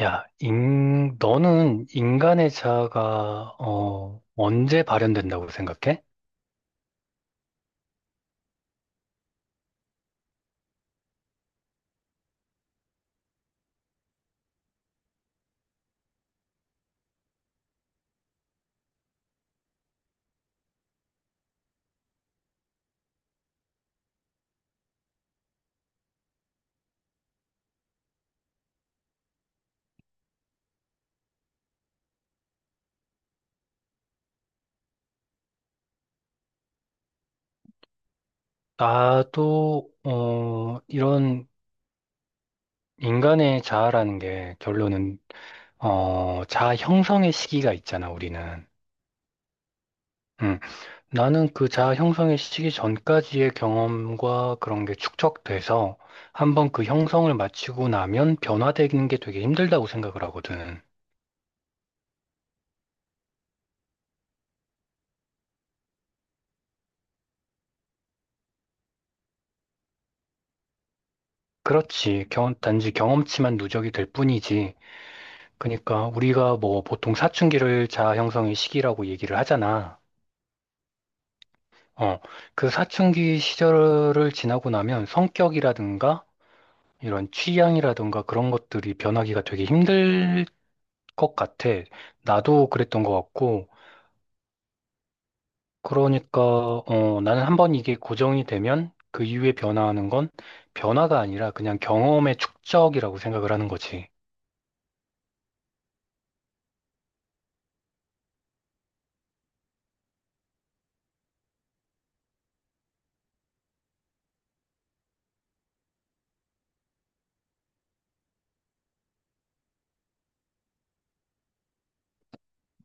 야, 너는 인간의 자아가, 언제 발현된다고 생각해? 나도, 이런 인간의 자아라는 게 결론은, 자아 형성의 시기가 있잖아, 우리는. 음, 나는 그 자아 형성의 시기 전까지의 경험과 그런 게 축적돼서 한번 그 형성을 마치고 나면 변화되는 게 되게 힘들다고 생각을 하거든. 그렇지. 단지 경험치만 누적이 될 뿐이지. 그러니까 우리가 뭐 보통 사춘기를 자아 형성의 시기라고 얘기를 하잖아. 어, 그 사춘기 시절을 지나고 나면 성격이라든가 이런 취향이라든가 그런 것들이 변하기가 되게 힘들 것 같아. 나도 그랬던 것 같고. 그러니까 나는 한번 이게 고정이 되면 그 이후에 변화하는 건 변화가 아니라 그냥 경험의 축적이라고 생각을 하는 거지.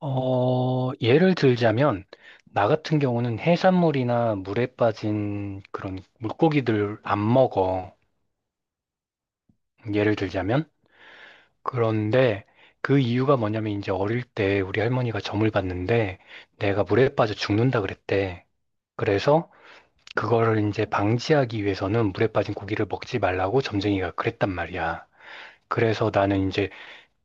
예를 들자면, 나 같은 경우는 해산물이나 물에 빠진 그런 물고기들 안 먹어. 예를 들자면. 그런데 그 이유가 뭐냐면 이제 어릴 때 우리 할머니가 점을 봤는데 내가 물에 빠져 죽는다 그랬대. 그래서 그거를 이제 방지하기 위해서는 물에 빠진 고기를 먹지 말라고 점쟁이가 그랬단 말이야. 그래서 나는 이제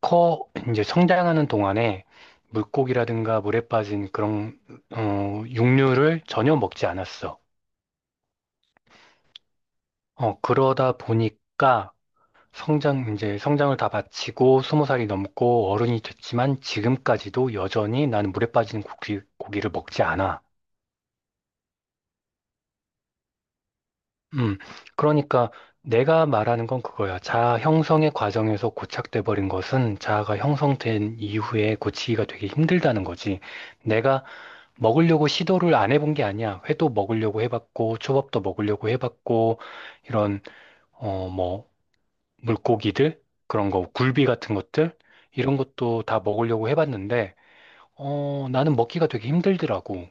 커 이제 성장하는 동안에 물고기라든가 물에 빠진 그런 육류를 전혀 먹지 않았어. 그러다 보니까 성장 이제 성장을 다 마치고 스무 살이 넘고 어른이 됐지만 지금까지도 여전히 나는 물에 빠진 고기를 먹지 않아. 음, 그러니까 내가 말하는 건 그거야. 자아 형성의 과정에서 고착돼 버린 것은 자아가 형성된 이후에 고치기가 되게 힘들다는 거지. 내가 먹으려고 시도를 안 해본 게 아니야. 회도 먹으려고 해봤고, 초밥도 먹으려고 해봤고, 이런, 뭐, 물고기들? 그런 거, 굴비 같은 것들? 이런 것도 다 먹으려고 해봤는데, 나는 먹기가 되게 힘들더라고.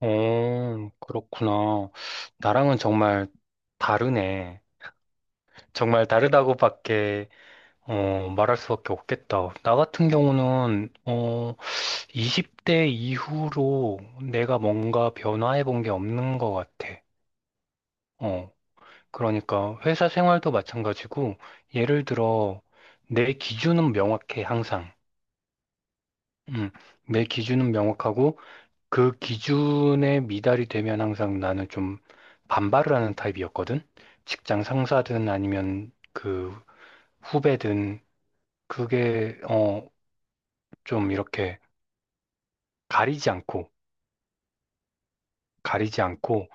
어, 그렇구나. 나랑은 정말 다르네. 정말 다르다고밖에, 말할 수밖에 없겠다. 나 같은 경우는, 20대 이후로 내가 뭔가 변화해 본 게 없는 것 같아. 어. 그러니까 회사 생활도 마찬가지고, 예를 들어, 내 기준은 명확해, 항상. 음, 내 기준은 명확하고, 그 기준에 미달이 되면 항상 나는 좀 반발을 하는 타입이었거든? 직장 상사든 아니면 그 후배든, 그게, 좀 이렇게 가리지 않고, 가리지 않고,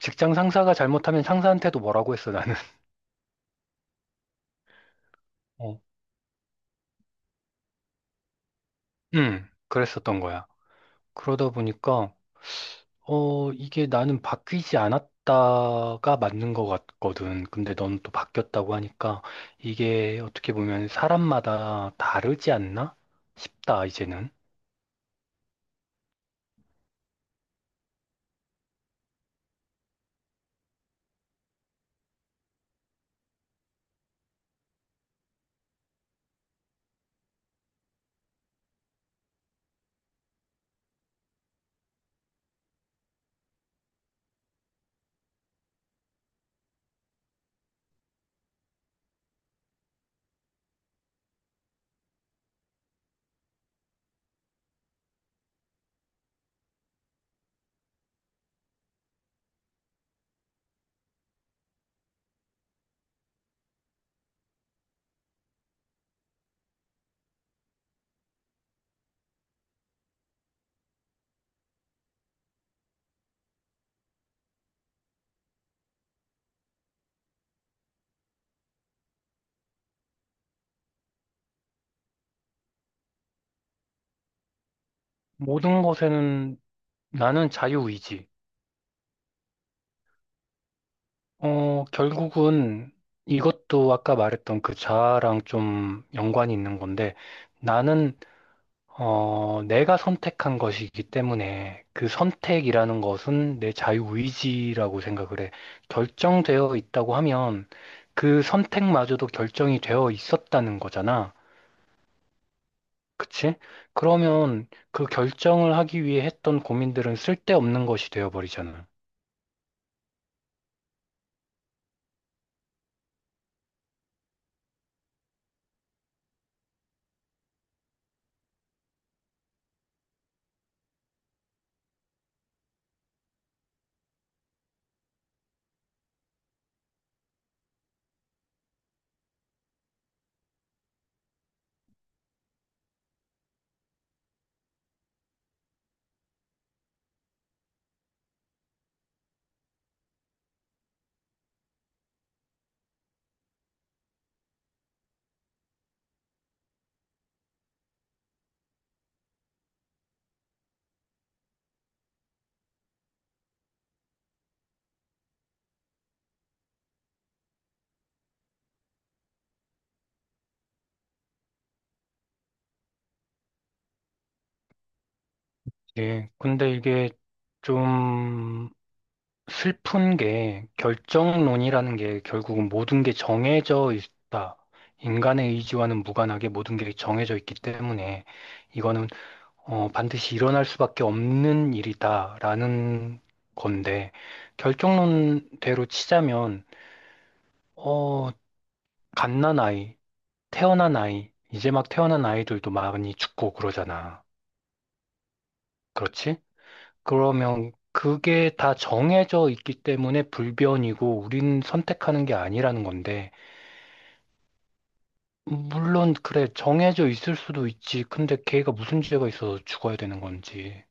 직장 상사가 잘못하면 상사한테도 뭐라고 했어, 나는. 어. 그랬었던 거야. 그러다 보니까, 이게 나는 바뀌지 않았다가 맞는 것 같거든. 근데 넌 또 바뀌었다고 하니까, 이게 어떻게 보면 사람마다 다르지 않나? 싶다, 이제는. 모든 것에는 나는 자유의지. 결국은 이것도 아까 말했던 그 자아랑 좀 연관이 있는 건데, 나는 내가 선택한 것이기 때문에 그 선택이라는 것은 내 자유의지라고 생각을 해. 결정되어 있다고 하면 그 선택마저도 결정이 되어 있었다는 거잖아. 그치? 그러면 그 결정을 하기 위해 했던 고민들은 쓸데없는 것이 되어버리잖아. 예, 근데 이게 좀 슬픈 게 결정론이라는 게 결국은 모든 게 정해져 있다. 인간의 의지와는 무관하게 모든 게 정해져 있기 때문에 이거는 반드시 일어날 수밖에 없는 일이다라는 건데 결정론대로 치자면 어, 갓난 아이, 태어난 아이, 이제 막 태어난 아이들도 많이 죽고 그러잖아. 그렇지? 그러면 그게 다 정해져 있기 때문에 불변이고 우린 선택하는 게 아니라는 건데 물론 그래 정해져 있을 수도 있지. 근데 걔가 무슨 죄가 있어서 죽어야 되는 건지.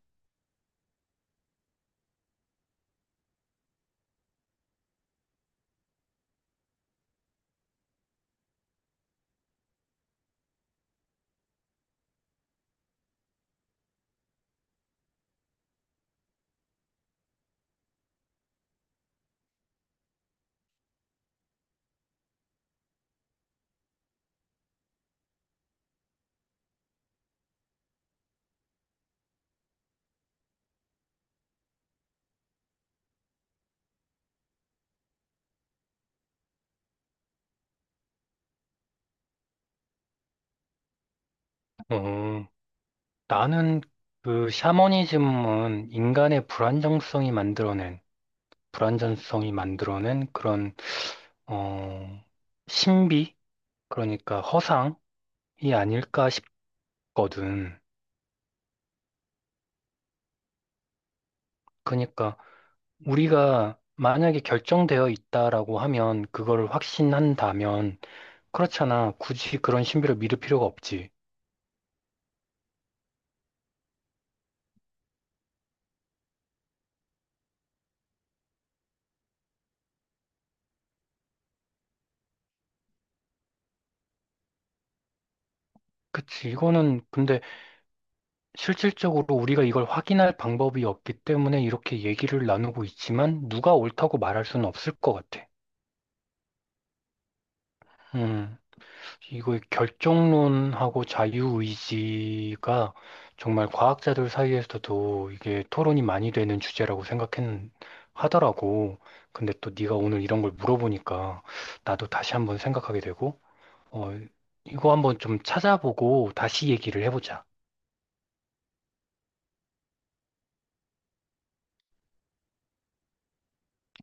어, 나는 그 샤머니즘은 인간의 불안정성이 만들어낸 그런 어, 신비? 그러니까 허상이 아닐까 싶거든. 그러니까 우리가 만약에 결정되어 있다라고 하면 그걸 확신한다면 그렇잖아. 굳이 그런 신비를 믿을 필요가 없지. 그치. 이거는 근데 실질적으로 우리가 이걸 확인할 방법이 없기 때문에 이렇게 얘기를 나누고 있지만 누가 옳다고 말할 수는 없을 것 같아. 음, 이거 결정론하고 자유의지가 정말 과학자들 사이에서도 이게 토론이 많이 되는 주제라고 생각했 하더라고. 근데 또 네가 오늘 이런 걸 물어보니까 나도 다시 한번 생각하게 되고, 어, 이거 한번 좀 찾아보고 다시 얘기를 해보자.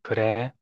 그래.